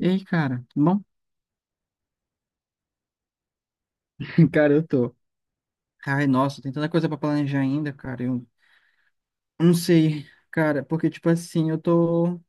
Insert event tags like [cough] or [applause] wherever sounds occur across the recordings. E aí, cara, tudo bom? [laughs] Cara, eu tô. Ai, nossa, tem tanta coisa pra planejar ainda, cara. Eu não sei, cara, porque, tipo assim, eu tô.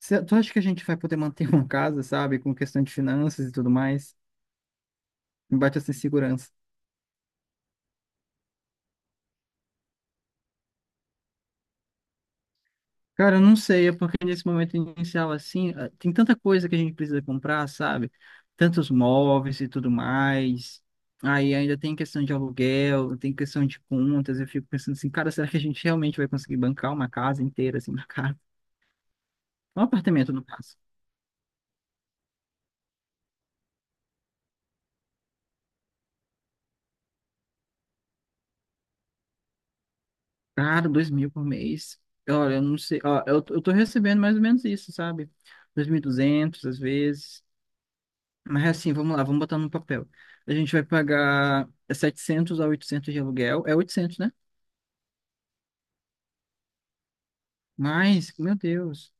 Tu acha que a gente vai poder manter [laughs] uma casa, sabe? Com questão de finanças e tudo mais? Me bate essa insegurança. Cara, eu não sei, é porque nesse momento inicial, assim, tem tanta coisa que a gente precisa comprar, sabe? Tantos móveis e tudo mais. Aí ainda tem questão de aluguel, tem questão de contas. Eu fico pensando assim, cara, será que a gente realmente vai conseguir bancar uma casa inteira, assim, [laughs] na casa? Um apartamento, no caso. Cara, 2.000 por mês. Olha, eu não sei. Ó, eu tô recebendo mais ou menos isso, sabe? Dois mil e duzentos às vezes. Mas assim, vamos lá, vamos botar no papel. A gente vai pagar 700 a 800 de aluguel. É 800, né? Mas, meu Deus.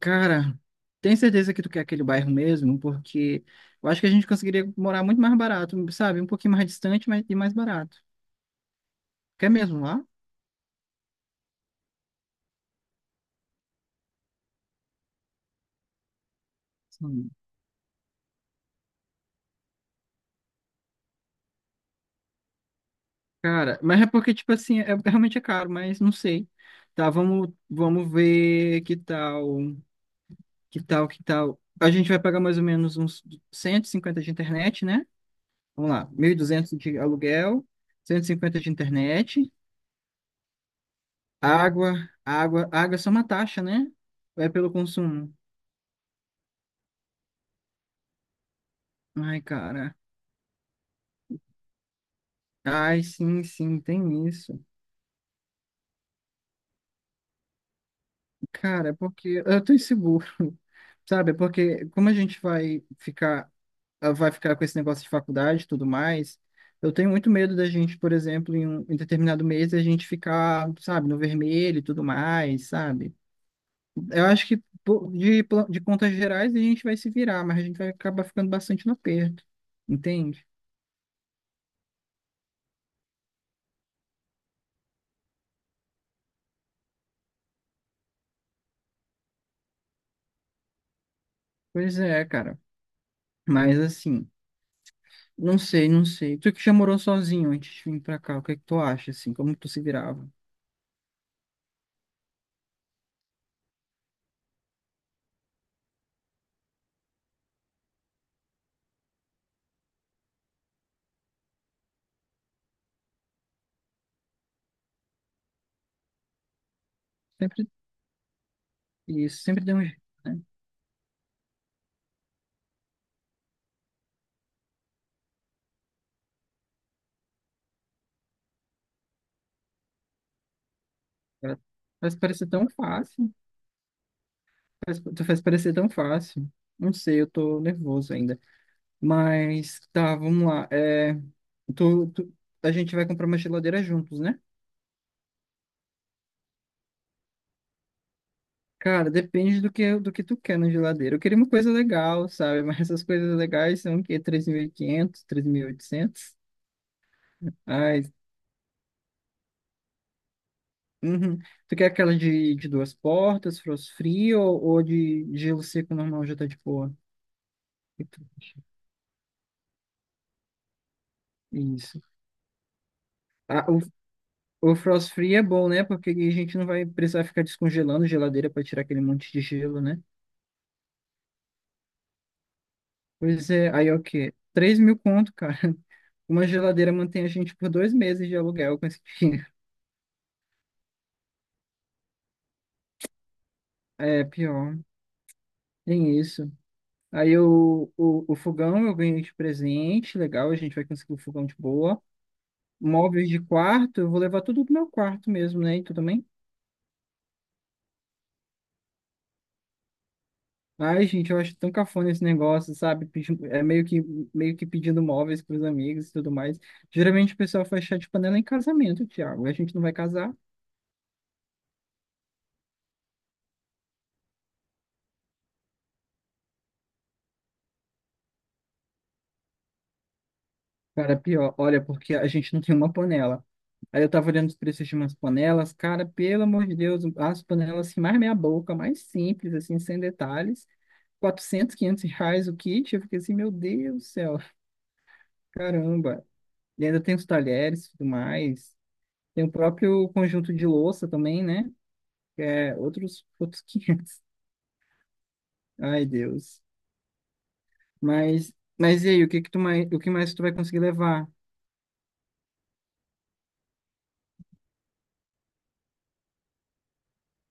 Cara, tem certeza que tu quer aquele bairro mesmo? Porque eu acho que a gente conseguiria morar muito mais barato, sabe? Um pouquinho mais distante, mas, e mais barato. Quer mesmo lá? Cara, mas é porque, tipo assim, é realmente é caro, mas não sei. Tá, vamos ver que tal. A gente vai pagar mais ou menos uns 150 de internet, né? Vamos lá, 1.200 de aluguel, 150 de internet, água, água é só uma taxa, né? É pelo consumo. Ai, cara. Ai, sim, sim, tem isso. Cara, é porque eu tô inseguro, [laughs] sabe? É porque como a gente vai ficar ela vai ficar com esse negócio de faculdade e tudo mais. Eu tenho muito medo da gente, por exemplo, em determinado mês, a gente ficar, sabe, no vermelho e tudo mais, sabe? Eu acho que, pô, de contas gerais a gente vai se virar, mas a gente vai acabar ficando bastante no aperto, entende? Pois é, cara. Mas assim, não sei, não sei. Tu que já morou sozinho antes de vir pra cá, o que é que tu acha, assim? Como tu se virava? Sempre isso, sempre deu um jeito, né? Parece tão fácil. Tu faz parecer tão fácil. Não sei, eu tô nervoso ainda. Mas tá, vamos lá. Tu, tu- a gente vai comprar uma geladeira juntos, né? Cara, depende do que tu quer na geladeira. Eu queria uma coisa legal, sabe? Mas essas coisas legais são o quê? Três mil e quinhentos, três mil e oitocentos. Ai, uhum. Tu quer aquela de duas portas, frost free, ou de gelo seco normal já tá de boa? E tu- Isso. Ah, o frost free é bom, né? Porque a gente não vai precisar ficar descongelando geladeira para tirar aquele monte de gelo, né? Pois é, aí é o quê? 3.000 conto, cara. [laughs] Uma geladeira mantém a gente por 2 meses de aluguel com esse dinheiro. [laughs] É, pior. Tem isso. Aí o fogão eu ganhei de presente, legal, a gente vai conseguir o fogão de boa. Móveis de quarto, eu vou levar tudo pro meu quarto mesmo, né? E tudo. Ai, gente, eu acho tão cafona esse negócio, sabe? É meio que pedindo móveis pros amigos e tudo mais. Geralmente o pessoal faz chá de panela em casamento, Thiago. A gente não vai casar. Cara, pior, olha, porque a gente não tem uma panela. Aí eu tava olhando os preços de umas panelas, cara, pelo amor de Deus, as panelas, assim, mais meia boca, mais simples, assim, sem detalhes. Quatrocentos 500 reais o kit. Eu fiquei assim, meu Deus do céu, [laughs] caramba. E ainda tem os talheres e tudo mais. Tem o próprio conjunto de louça também, né? É, outros [laughs] 500. Ai, Deus. Mas, mas, e aí, o que mais tu vai conseguir levar?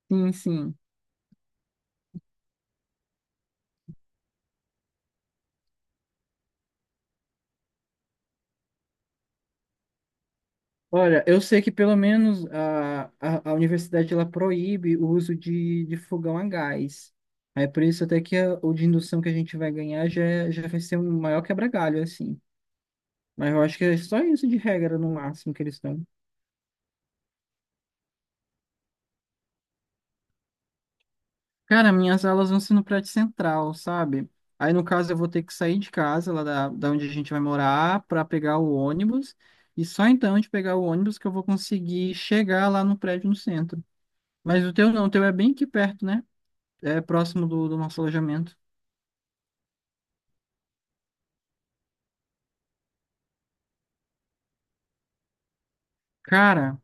Sim, sim. Olha, eu sei que pelo menos a universidade ela proíbe o uso de fogão a gás. Aí por isso até que o de indução que a gente vai ganhar já, já vai ser um maior quebra-galho, assim. Mas eu acho que é só isso de regra, no máximo, que eles estão. Cara, minhas aulas vão ser no prédio central, sabe? Aí, no caso, eu vou ter que sair de casa, lá da onde a gente vai morar, para pegar o ônibus. E só então de pegar o ônibus que eu vou conseguir chegar lá no prédio no centro. Mas o teu não, o teu é bem aqui perto, né? É próximo do nosso alojamento. Cara,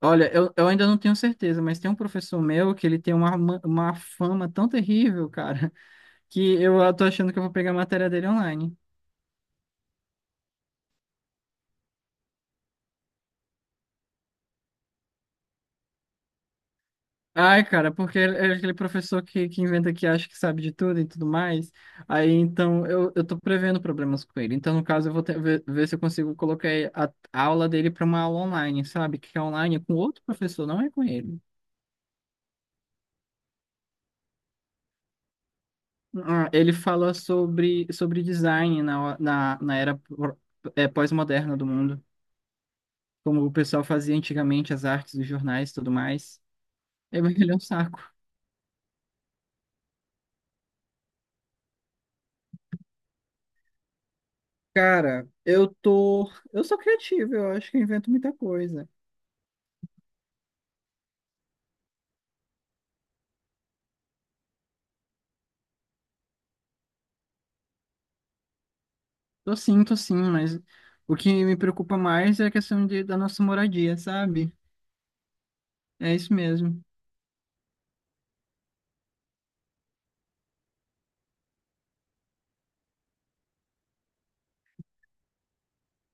olha, eu ainda não tenho certeza, mas tem um professor meu que ele tem uma fama tão terrível, cara, [laughs] que eu tô achando que eu vou pegar a matéria dele online. Ai, cara, porque é aquele professor que inventa, que acha que sabe de tudo e tudo mais. Aí, então, eu tô prevendo problemas com ele. Então, no caso, eu vou ver, se eu consigo colocar a aula dele para uma aula online, sabe? Que é online é com outro professor, não é com ele. Ah, ele fala sobre design na era pós-moderna do mundo. Como o pessoal fazia antigamente, as artes, os jornais e tudo mais. É, mas ele é um saco. Cara, eu tô. Eu sou criativo, eu acho que eu invento muita coisa. Tô sim, mas o que me preocupa mais é a questão da nossa moradia, sabe? É isso mesmo.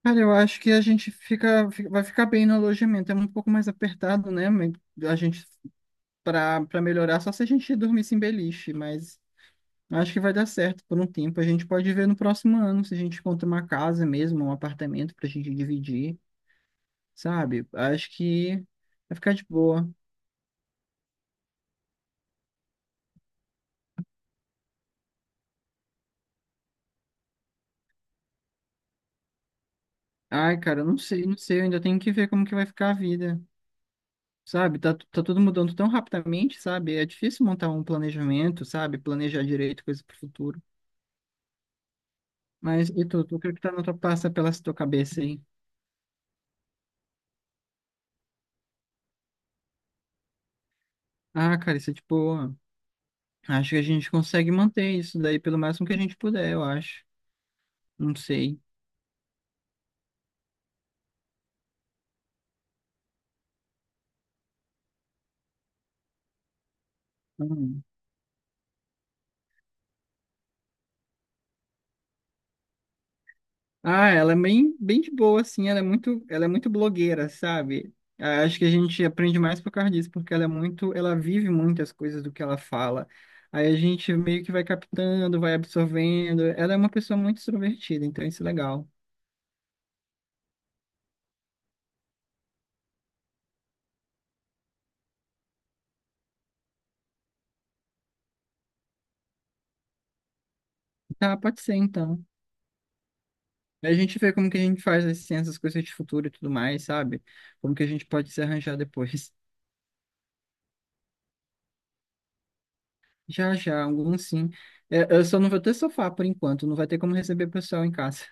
Cara, eu acho que a gente vai ficar bem no alojamento. É um pouco mais apertado, né? Mas a gente, pra melhorar, só se a gente dormisse em beliche, mas acho que vai dar certo por um tempo. A gente pode ver no próximo ano se a gente encontra uma casa mesmo, um apartamento pra gente dividir, sabe? Acho que vai ficar de boa. Ai, cara, eu não sei, não sei. Eu ainda tenho que ver como que vai ficar a vida. Sabe, tá, tá tudo mudando tão rapidamente, sabe? É difícil montar um planejamento, sabe? Planejar direito coisa pro futuro. Mas, e o que que tá na tua passa pela tua cabeça aí? Ah, cara, isso é de boa. Acho que a gente consegue manter isso daí pelo máximo que a gente puder, eu acho. Não sei. Hum. Ah, ela é bem, bem de boa, assim, ela é muito, blogueira, sabe? Ah, acho que a gente aprende mais por causa disso, porque ela vive muitas coisas do que ela fala. Aí a gente meio que vai captando, vai absorvendo. Ela é uma pessoa muito extrovertida, então isso é legal. Tá, pode ser então. A gente vê como que a gente faz, assim, essas coisas de futuro e tudo mais, sabe? Como que a gente pode se arranjar depois. [laughs] Já, já, alguns sim. É, eu só não vou ter sofá por enquanto, não vai ter como receber pessoal em casa.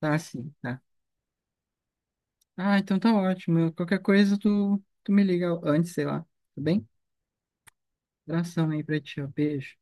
Tá, sim, tá. Ah, então tá ótimo. Qualquer coisa tu me liga antes, sei lá. Tá bem? Abração aí pra ti, ó. Beijo.